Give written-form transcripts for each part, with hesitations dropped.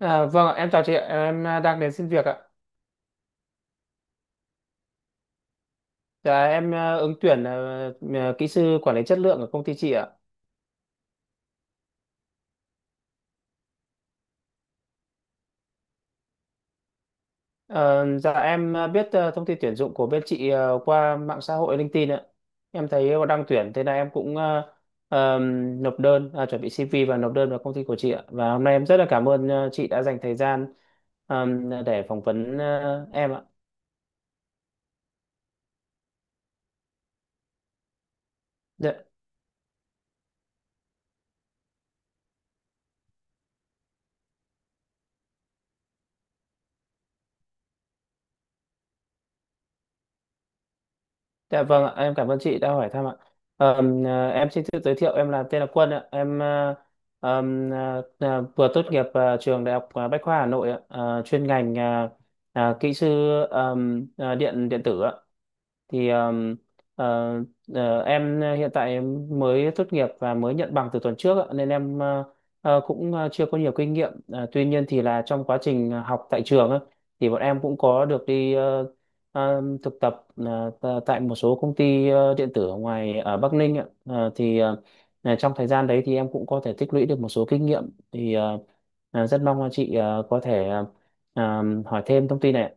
À, vâng ạ, em chào chị ạ, em đang đến xin việc ạ. Dạ em ứng tuyển kỹ sư quản lý chất lượng ở công ty chị ạ. Ờ, dạ em biết thông tin tuyển dụng của bên chị qua mạng xã hội LinkedIn ạ. Em thấy có đang tuyển thế là em cũng nộp đơn, chuẩn bị CV và nộp đơn vào công ty của chị ạ. Và hôm nay em rất là cảm ơn chị đã dành thời gian để phỏng vấn em ạ. Dạ. Dạ vâng ạ, em cảm ơn chị đã hỏi thăm ạ. Em xin tự giới thiệu, em là tên là Quân ạ. Em vừa tốt nghiệp trường Đại học Bách khoa Hà Nội ạ. Chuyên ngành kỹ sư điện điện tử ạ. Thì ờ, em hiện tại em mới tốt nghiệp và mới nhận bằng từ tuần trước ạ, nên em cũng chưa có nhiều kinh nghiệm. Ờ, Tuy nhiên thì là trong quá trình học tại trường á, thì bọn em cũng có được đi thực tập tại một số công ty điện tử ở ngoài ở Bắc Ninh ạ. Là trong thời gian đấy thì em cũng có thể tích lũy được một số kinh nghiệm, thì rất mong là chị có thể hỏi thêm thông tin này ạ.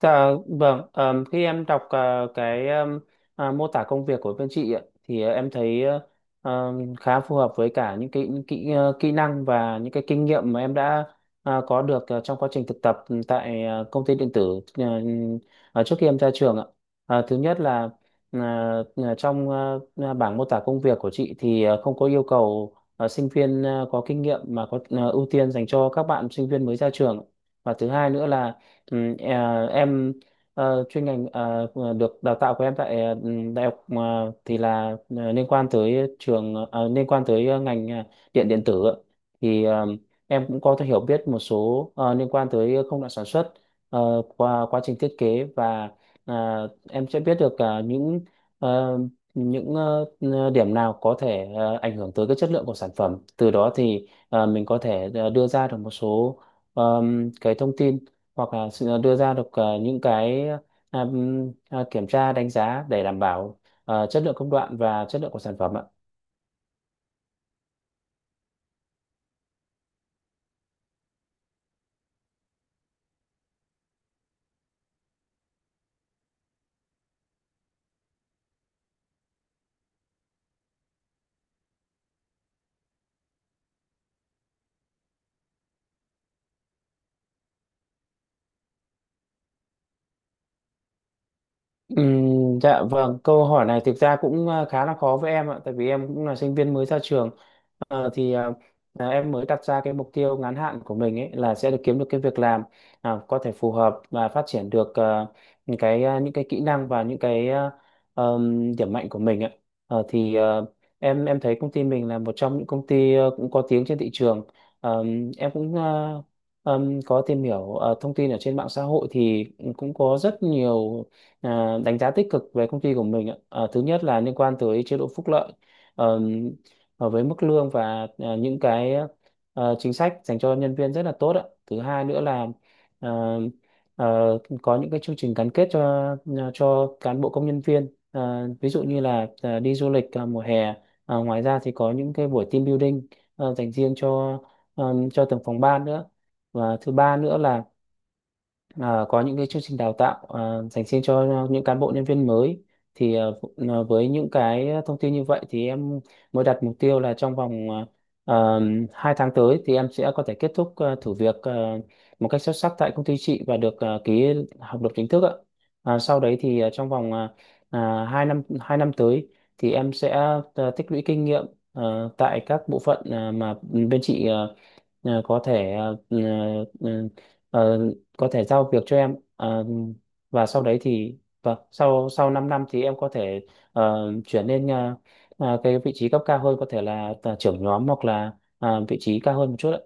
Dạ, vâng, khi em đọc cái mô tả công việc của bên chị ạ, thì em thấy khá phù hợp với cả những cái kỹ năng và những cái kinh nghiệm mà em đã có được trong quá trình thực tập tại công ty điện tử trước khi em ra trường ạ. Thứ nhất là ờ, trong bảng mô tả công việc của chị thì không có yêu cầu sinh viên có kinh nghiệm mà có ưu tiên dành cho các bạn sinh viên mới ra trường. Và thứ hai nữa là em chuyên ngành được đào tạo của em tại đại học thì là liên quan tới trường liên quan tới ngành điện điện tử ạ. Thì em cũng có thể hiểu biết một số liên quan tới công đoạn sản xuất, qua quá trình thiết kế và em sẽ biết được những ờ, điểm nào có thể ảnh hưởng tới cái chất lượng của sản phẩm, từ đó thì mình có thể đưa ra được một số ờ, cái thông tin hoặc là sự đưa ra được những cái kiểm tra đánh giá để đảm bảo chất lượng công đoạn và chất lượng của sản phẩm ạ. Dạ vâng, câu hỏi này thực ra cũng khá là khó với em ạ, tại vì em cũng là sinh viên mới ra trường. Ờ, thì ờ, em mới đặt ra cái mục tiêu ngắn hạn của mình ấy là sẽ được kiếm được cái việc làm có thể phù hợp và phát triển được những cái những cái kỹ năng và những cái điểm mạnh của mình ạ. Ờ, thì ờ, em thấy công ty mình là một trong những công ty cũng có tiếng trên thị trường. Em cũng có tìm hiểu thông tin ở trên mạng xã hội thì cũng có rất nhiều đánh giá tích cực về công ty của mình ạ. Ờ, Thứ nhất là liên quan tới chế độ phúc lợi, Ờ, với mức lương và những cái chính sách dành cho nhân viên rất là tốt ạ. Thứ hai nữa là ờ, có những cái chương trình gắn kết cho cán bộ công nhân viên. Ờ, Ví dụ như là đi du lịch mùa hè. Ngoài ra thì có những cái buổi team building dành riêng cho từng phòng ban nữa. Và thứ ba nữa là có những cái chương trình đào tạo dành riêng cho những cán bộ nhân viên mới. Thì với những cái thông tin như vậy thì em mới đặt mục tiêu là trong vòng à, 2 tháng tới thì em sẽ có thể kết thúc thử việc một cách xuất sắc tại công ty chị và được ký hợp đồng chính thức ạ. Sau đấy thì trong vòng hai năm tới thì em sẽ tích lũy kinh nghiệm à, tại các bộ phận mà bên chị ờ, có thể ờ, ừ, ừ, ờ, có thể giao việc cho em. Ờ, và sau đấy thì vâng sau sau 5 năm thì em có thể chuyển lên cái vị trí cấp cao hơn, có thể là trưởng nhóm hoặc là vị trí cao hơn một chút ạ.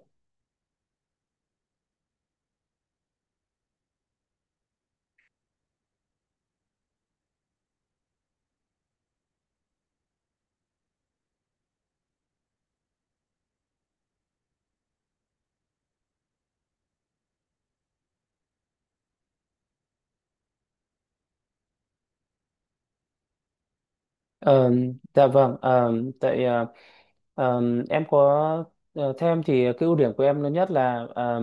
Ờ, dạ vâng, tại ờ, em có theo em thì cái ưu điểm của em lớn nhất là ờ,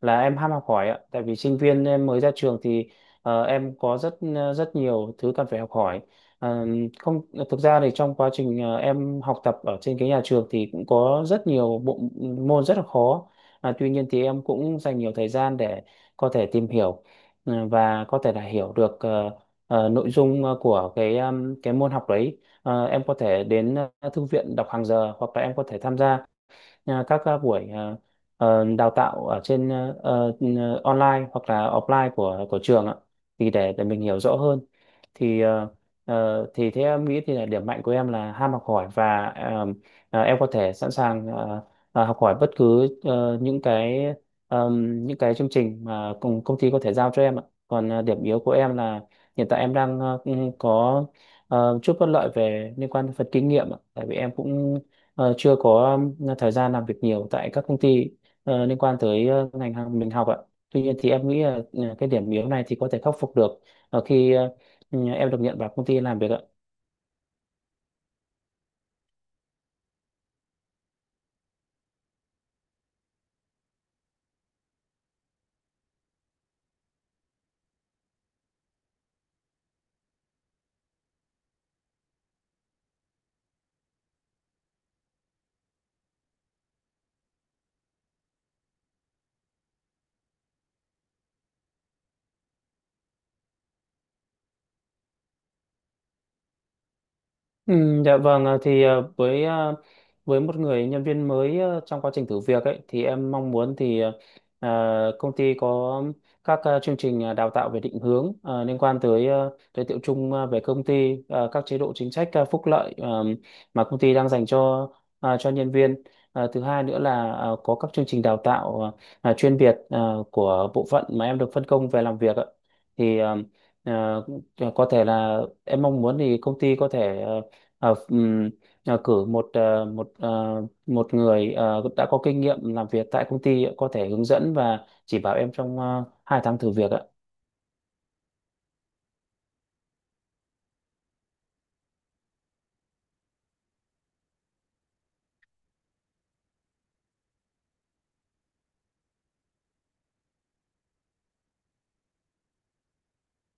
là em ham học hỏi ạ. Tại vì sinh viên em mới ra trường thì em có rất nhiều thứ cần phải học hỏi. Ờ, Không, thực ra thì trong quá trình em học tập ở trên cái nhà trường thì cũng có rất nhiều bộ môn rất là khó. À, tuy nhiên thì em cũng dành nhiều thời gian để có thể tìm hiểu và có thể là hiểu được nội dung của cái môn học đấy. Em có thể đến thư viện đọc hàng giờ hoặc là em có thể tham gia các buổi đào tạo ở trên online hoặc là offline của trường ạ, thì để mình hiểu rõ hơn. Thì ờ, ờ, thì thế em nghĩ thì là điểm mạnh của em là ham học hỏi, và em có thể sẵn sàng học hỏi bất cứ những cái chương trình mà công công ty có thể giao cho em ạ. Còn điểm yếu của em là hiện tại em đang cũng có chút bất lợi về liên quan đến phần kinh nghiệm ạ. Tại vì em cũng chưa có thời gian làm việc nhiều tại các công ty liên quan tới ngành hàng mình học ạ. Tuy nhiên thì em nghĩ là cái điểm yếu này thì có thể khắc phục được ở khi em được nhận vào công ty làm việc ạ. Ừ, dạ vâng, với một người nhân viên mới trong quá trình thử việc ấy thì em mong muốn thì công ty có các chương trình đào tạo về định hướng, liên quan tới giới thiệu chung về công ty, các chế độ chính sách phúc lợi mà công ty đang dành cho nhân viên. Thứ hai nữa là có các chương trình đào tạo chuyên biệt của bộ phận mà em được phân công về làm việc ạ. Thì à, có thể là em mong muốn thì công ty có thể ờ, ừm, cử một người đã có kinh nghiệm làm việc tại công ty có thể hướng dẫn và chỉ bảo em trong 2 tháng thử việc ạ.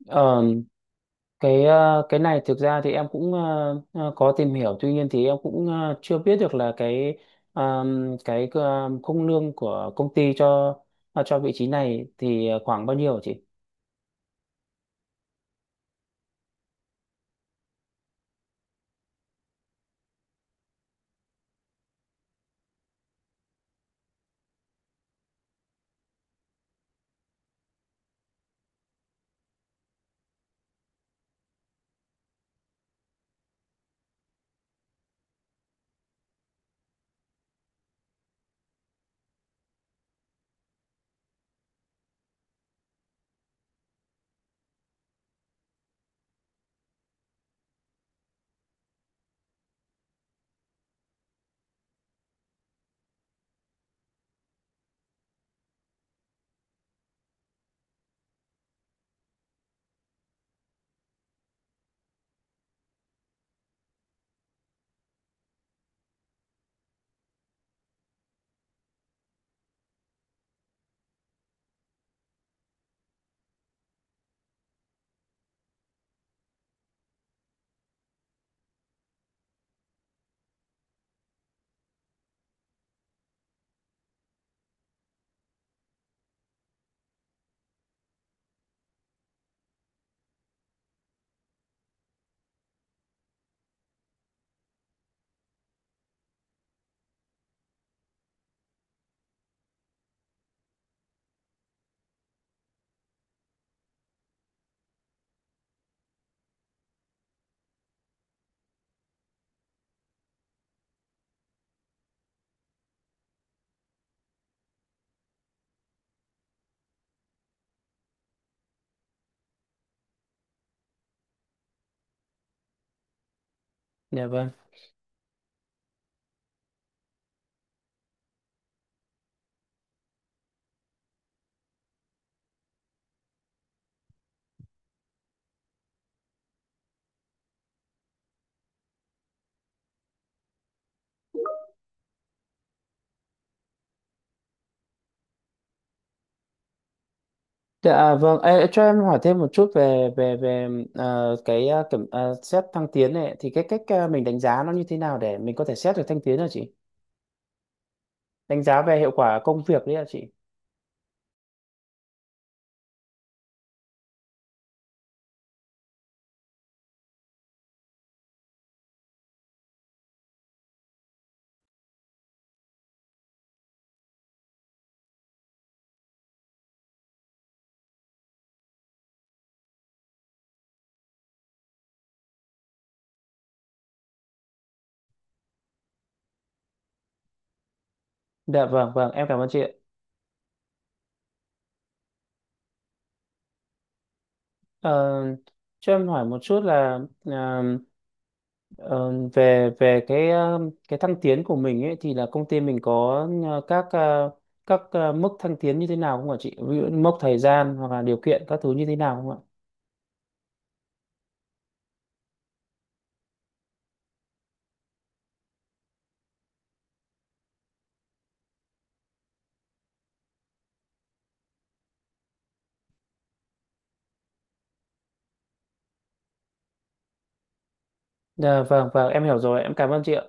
Ờ, cái này thực ra thì em cũng có tìm hiểu, tuy nhiên thì em cũng chưa biết được là ờ, cái khung lương của công ty cho vị trí này thì khoảng bao nhiêu hả chị? Dạ vâng. Dạ, vâng, Ê, cho em hỏi thêm một chút về về về cái xét thăng tiến này thì cái cách mình đánh giá nó như thế nào để mình có thể xét được thăng tiến hả chị? Đánh giá về hiệu quả công việc đấy hả chị? Dạ vâng, vâng, em cảm ơn chị ạ. Ờ, cho em hỏi một chút là ờ, ờ, về về cái thăng tiến của mình ấy thì là công ty mình có các mức thăng tiến như thế nào không ạ chị? Ví dụ như mốc thời gian hoặc là điều kiện các thứ như thế nào không ạ? Dạ vâng, vâng, em hiểu rồi, em cảm ơn chị ạ.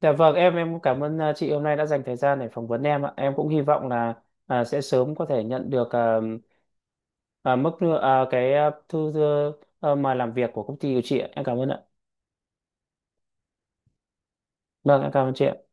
Dạ vâng, em cũng cảm ơn chị hôm nay đã dành thời gian để phỏng vấn em ạ. Em cũng hy vọng là sẽ sớm có thể nhận được cái thư mời làm việc của công ty của chị ạ. Em cảm ơn ạ. Vâng, em cảm ơn chị ạ.